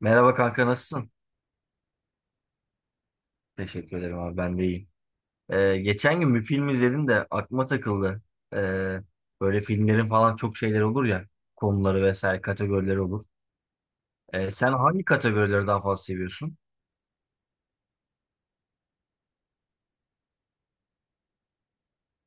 Merhaba kanka, nasılsın? Teşekkür ederim abi, ben de iyiyim. Geçen gün bir film izledim de aklıma takıldı. Ee, böyle filmlerin falan çok şeyler olur ya. Konuları vesaire kategorileri olur. Sen hangi kategorileri daha fazla seviyorsun?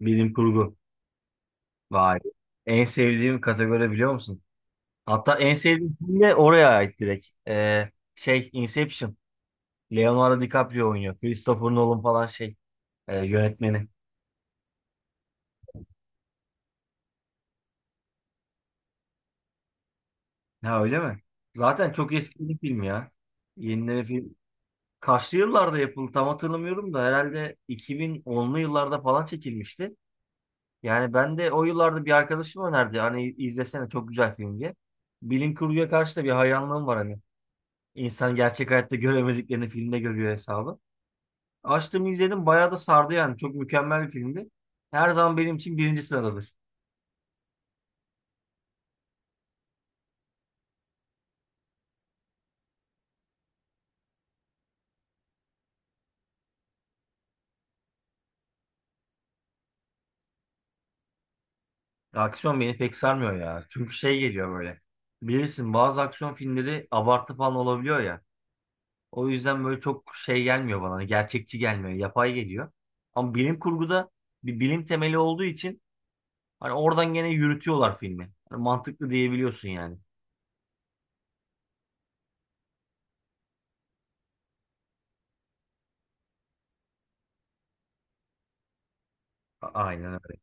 Bilim kurgu. Vay. En sevdiğim kategori biliyor musun? Hatta en sevdiğim film de oraya ait direkt. Şey, Inception. Leonardo DiCaprio oynuyor. Christopher Nolan falan şey yönetmeni. Ha, öyle mi? Zaten çok eski bir film ya. Yenileri film. Kaçlı yıllarda yapıldı tam hatırlamıyorum da, herhalde 2010'lu yıllarda falan çekilmişti. Yani ben de o yıllarda bir arkadaşım önerdi. Hani izlesene, çok güzel film diye. Bilim kurguya karşı da bir hayranlığım var hani. İnsan gerçek hayatta göremediklerini filmde görüyor hesabı. Açtım izledim, bayağı da sardı yani. Çok mükemmel bir filmdi. Her zaman benim için birinci sıradadır. Aksiyon beni pek sarmıyor ya. Çünkü şey geliyor böyle. Bilirsin, bazı aksiyon filmleri abartı falan olabiliyor ya. O yüzden böyle çok şey gelmiyor bana, hani gerçekçi gelmiyor. Yapay geliyor. Ama bilim kurguda bir bilim temeli olduğu için hani oradan gene yürütüyorlar filmi. Hani mantıklı diyebiliyorsun yani. Aynen öyle.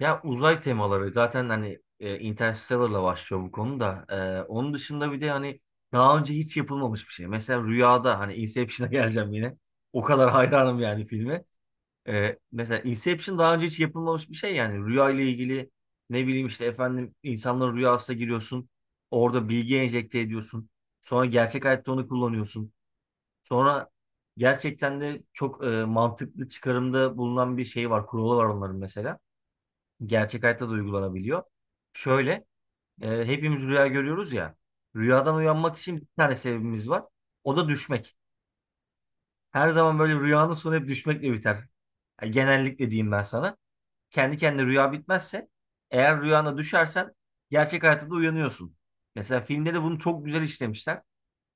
Ya uzay temaları zaten hani Interstellar'la başlıyor bu konuda. Onun dışında bir de hani daha önce hiç yapılmamış bir şey. Mesela rüyada, hani Inception'a geleceğim yine. O kadar hayranım yani filme. Mesela Inception daha önce hiç yapılmamış bir şey yani. Rüya ile ilgili, ne bileyim işte efendim, insanların rüyasına giriyorsun, orada bilgi enjekte ediyorsun, sonra gerçek hayatta onu kullanıyorsun. Sonra gerçekten de çok mantıklı çıkarımda bulunan bir şey var, kuralı var onların. Mesela gerçek hayatta da uygulanabiliyor şöyle: hepimiz rüya görüyoruz ya, rüyadan uyanmak için bir tane sebebimiz var, o da düşmek. Her zaman böyle rüyanın sonu hep düşmekle biter. Yani genellikle diyeyim ben sana, kendi kendine rüya bitmezse, eğer rüyana düşersen, gerçek hayatta da uyanıyorsun. Mesela filmde de bunu çok güzel işlemişler.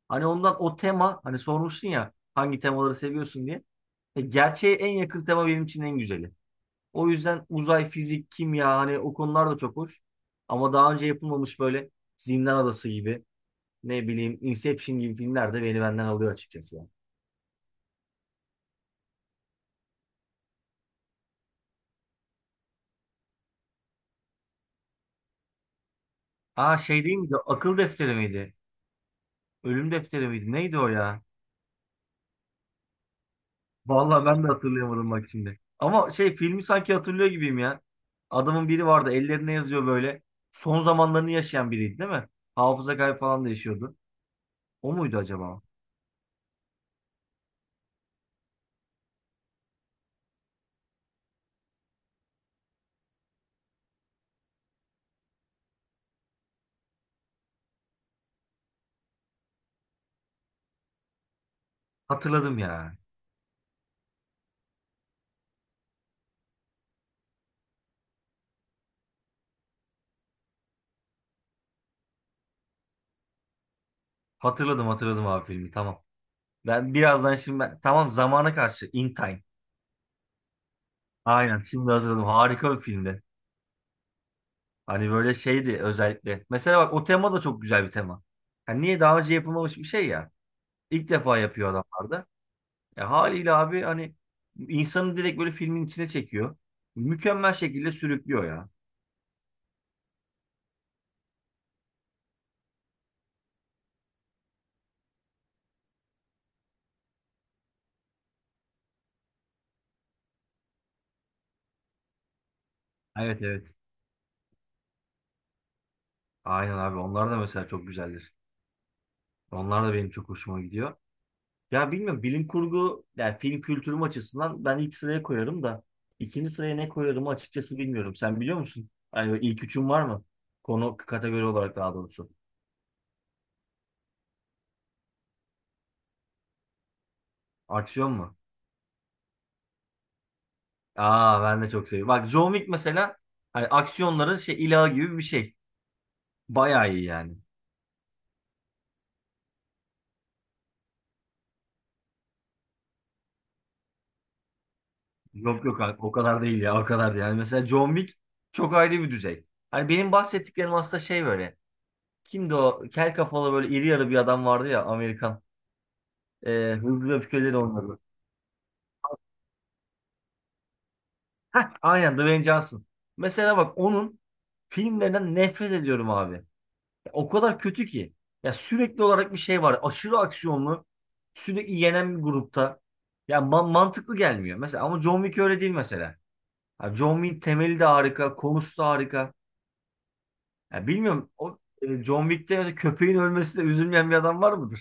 Hani ondan, o tema, hani sormuşsun ya hangi temaları seviyorsun diye. Gerçeğe en yakın tema benim için en güzeli. O yüzden uzay, fizik, kimya, hani o konular da çok hoş. Ama daha önce yapılmamış böyle Zindan Adası gibi, ne bileyim Inception gibi filmler de beni benden alıyor açıkçası ya. Aa, şey değil miydi? Akıl defteri miydi? Ölüm defteri miydi? Neydi o ya? Vallahi ben de hatırlayamadım bak şimdi. Ama şey filmi sanki hatırlıyor gibiyim ya. Adamın biri vardı, ellerine yazıyor böyle. Son zamanlarını yaşayan biriydi değil mi? Hafıza kaybı falan da yaşıyordu. O muydu acaba? Hatırladım ya. Hatırladım, hatırladım, abi filmi, tamam. Ben birazdan şimdi ben, tamam zamana karşı, In Time. Aynen, şimdi hatırladım. Harika bir filmdi. Hani böyle şeydi özellikle. Mesela bak, o tema da çok güzel bir tema. Yani niye daha önce yapılmamış bir şey ya. İlk defa yapıyor adamlar da. Haliyle abi, hani insanı direkt böyle filmin içine çekiyor. Mükemmel şekilde sürüklüyor ya. Evet, evet. Aynen abi, onlar da mesela çok güzeldir. Onlar da benim çok hoşuma gidiyor. Ya bilmiyorum, bilim kurgu yani film kültürüm açısından ben ilk sıraya koyarım da ikinci sıraya ne koyarımı açıkçası bilmiyorum. Sen biliyor musun? Hani böyle ilk üçün var mı? Konu kategori olarak, daha doğrusu. Aksiyon mu? Aa, ben de çok seviyorum. Bak, John Wick mesela hani aksiyonların şey, ilahı gibi bir şey. Bayağı iyi yani. Yok, yok, abi, o kadar değil ya, o kadar değil. Yani mesela John Wick çok ayrı bir düzey. Hani benim bahsettiklerim aslında şey böyle. Kimdi o? Kel kafalı böyle iri yarı bir adam vardı ya, Amerikan. Hızlı ve Öfkelileri oynadı. Aynen, Dwayne Johnson. Mesela bak, onun filmlerinden nefret ediyorum abi. Ya o kadar kötü ki. Ya sürekli olarak bir şey var. Aşırı aksiyonlu. Sürekli yenen bir grupta. Ya mantıklı gelmiyor. Mesela ama John Wick öyle değil mesela. Ya John Wick temeli de harika. Konusu da harika. Ya bilmiyorum o John Wick'te mesela köpeğin ölmesine üzülmeyen bir adam var mıdır?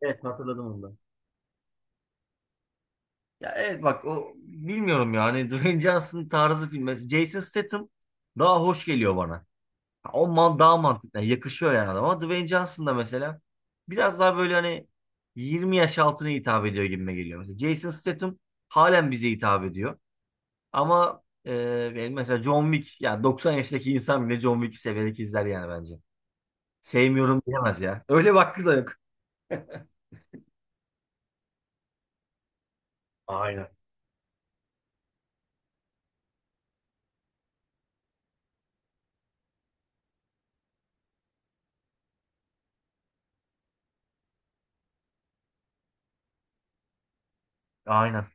Evet, hatırladım onu da. Ya evet, bak o bilmiyorum yani Dwayne Johnson tarzı filmi. Jason Statham daha hoş geliyor bana. Ha, o man daha mantıklı, yani yakışıyor yani adama. Ama Dwayne Johnson da mesela biraz daha böyle hani 20 yaş altına hitap ediyor gibime geliyor. Mesela Jason Statham halen bize hitap ediyor. Ama yani mesela John Wick, ya 90 yaşındaki insan bile John Wick'i severek izler yani bence. Sevmiyorum diyemez ya. Öyle bir hakkı da yok. Aynen. Aynen.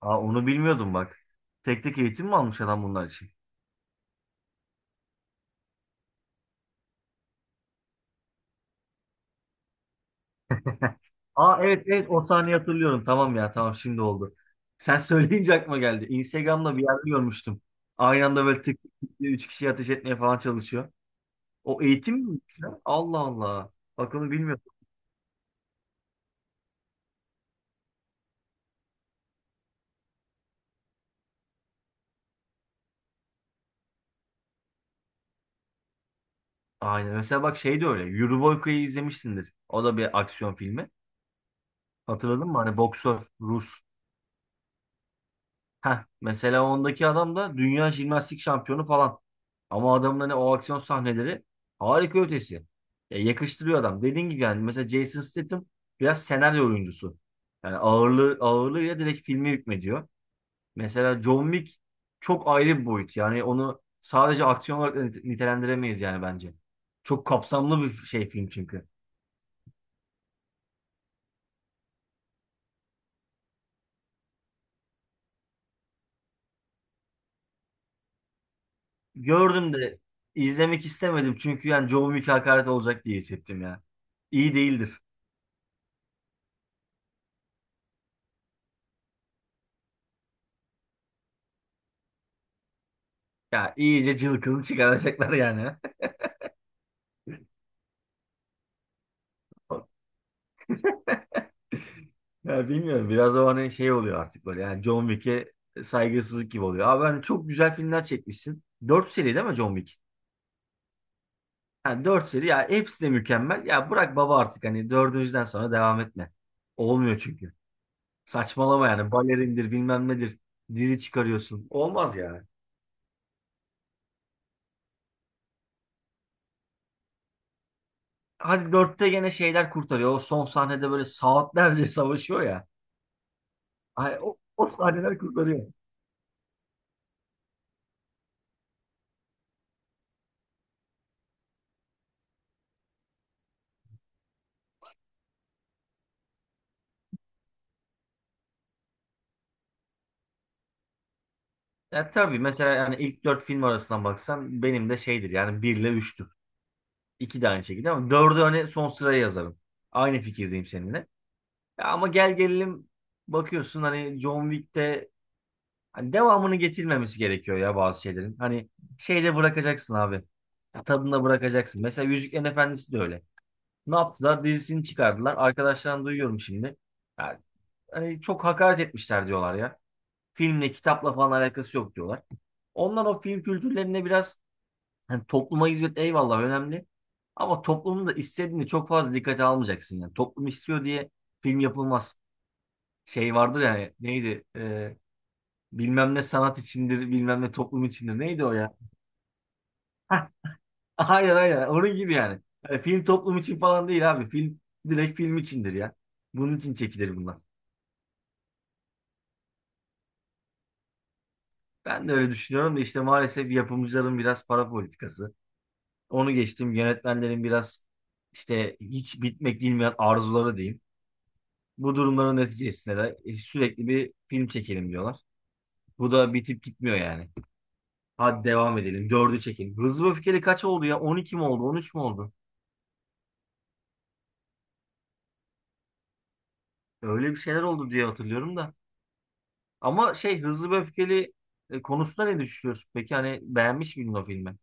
Aa, onu bilmiyordum bak. Tek tek eğitim mi almış adam bunlar için? Aa, evet, evet, o sahneyi hatırlıyorum. Tamam ya, tamam, şimdi oldu. Sen söyleyince aklıma geldi. Instagram'da bir yerde görmüştüm. Aynı anda böyle tık tık tık diye üç kişiyi ateş etmeye falan çalışıyor. O eğitim miymiş ya? Allah Allah. Bak, onu bilmiyordum. Aynen. Mesela bak, şey de öyle. Euroboyka'yı izlemişsindir. O da bir aksiyon filmi. Hatırladın mı? Hani boksör, Rus. Heh, mesela ondaki adam da dünya jimnastik şampiyonu falan. Ama adamın hani o aksiyon sahneleri harika ötesi. Ya yakıştırıyor adam. Dediğin gibi yani, mesela Jason Statham biraz senaryo oyuncusu. Yani ağırlığıyla direkt filmi hükmediyor. Mesela John Wick çok ayrı bir boyut. Yani onu sadece aksiyon olarak da nitelendiremeyiz yani bence. Çok kapsamlı bir şey film çünkü. Gördüm de izlemek istemedim çünkü yani John Wick hakaret olacak diye hissettim ya. İyi değildir. Ya iyice cılkını çıkaracaklar yani. Ya bilmiyorum, biraz o hani şey oluyor artık böyle, yani John Wick'e saygısızlık gibi oluyor. Abi hani çok güzel filmler çekmişsin. 4 seri değil mi John Wick? Yani 4 seri ya, hepsi de mükemmel. Ya bırak baba artık, hani dördüncüden sonra devam etme. Olmuyor çünkü. Saçmalama yani, balerindir bilmem nedir. Dizi çıkarıyorsun. Olmaz yani. Hadi dörtte gene şeyler kurtarıyor. O son sahnede böyle saatlerce savaşıyor ya. Ay, o sahneler kurtarıyor. Ya tabii, mesela yani ilk dört film arasından baksan benim de şeydir yani, bir ile üçtür. İki de aynı şekilde, ama dördü hani son sıraya yazarım. Aynı fikirdeyim seninle. Ya ama gel gelelim, bakıyorsun hani John Wick'te hani devamını getirmemesi gerekiyor ya bazı şeylerin. Hani şeyde bırakacaksın abi. Tadında bırakacaksın. Mesela Yüzüklerin Efendisi de öyle. Ne yaptılar? Dizisini çıkardılar. Arkadaşlardan duyuyorum şimdi. Ya, hani çok hakaret etmişler diyorlar ya. Filmle, kitapla falan alakası yok diyorlar. Onlar o film kültürlerine biraz, hani topluma hizmet, eyvallah, önemli. Ama toplumun da istediğini çok fazla dikkate almayacaksın yani. Toplum istiyor diye film yapılmaz. Şey vardır yani, neydi? Bilmem ne sanat içindir, bilmem ne toplum içindir. Neydi o ya? Hah, aynen, aynen. Onun gibi yani. Yani film toplum için falan değil abi. Film direkt film içindir ya. Bunun için çekilir bunlar. Ben de öyle düşünüyorum da işte maalesef yapımcıların biraz para politikası. Onu geçtim. Yönetmenlerin biraz işte hiç bitmek bilmeyen arzuları diyeyim. Bu durumların neticesinde de sürekli bir film çekelim diyorlar. Bu da bitip gitmiyor yani. Hadi devam edelim. Dördü çekelim. Hızlı ve Öfkeli kaç oldu ya? 12 mi oldu? 13 mü oldu? Öyle bir şeyler oldu diye hatırlıyorum da. Ama şey Hızlı ve Öfkeli konusunda ne düşünüyorsun? Peki hani beğenmiş miydin o filmi?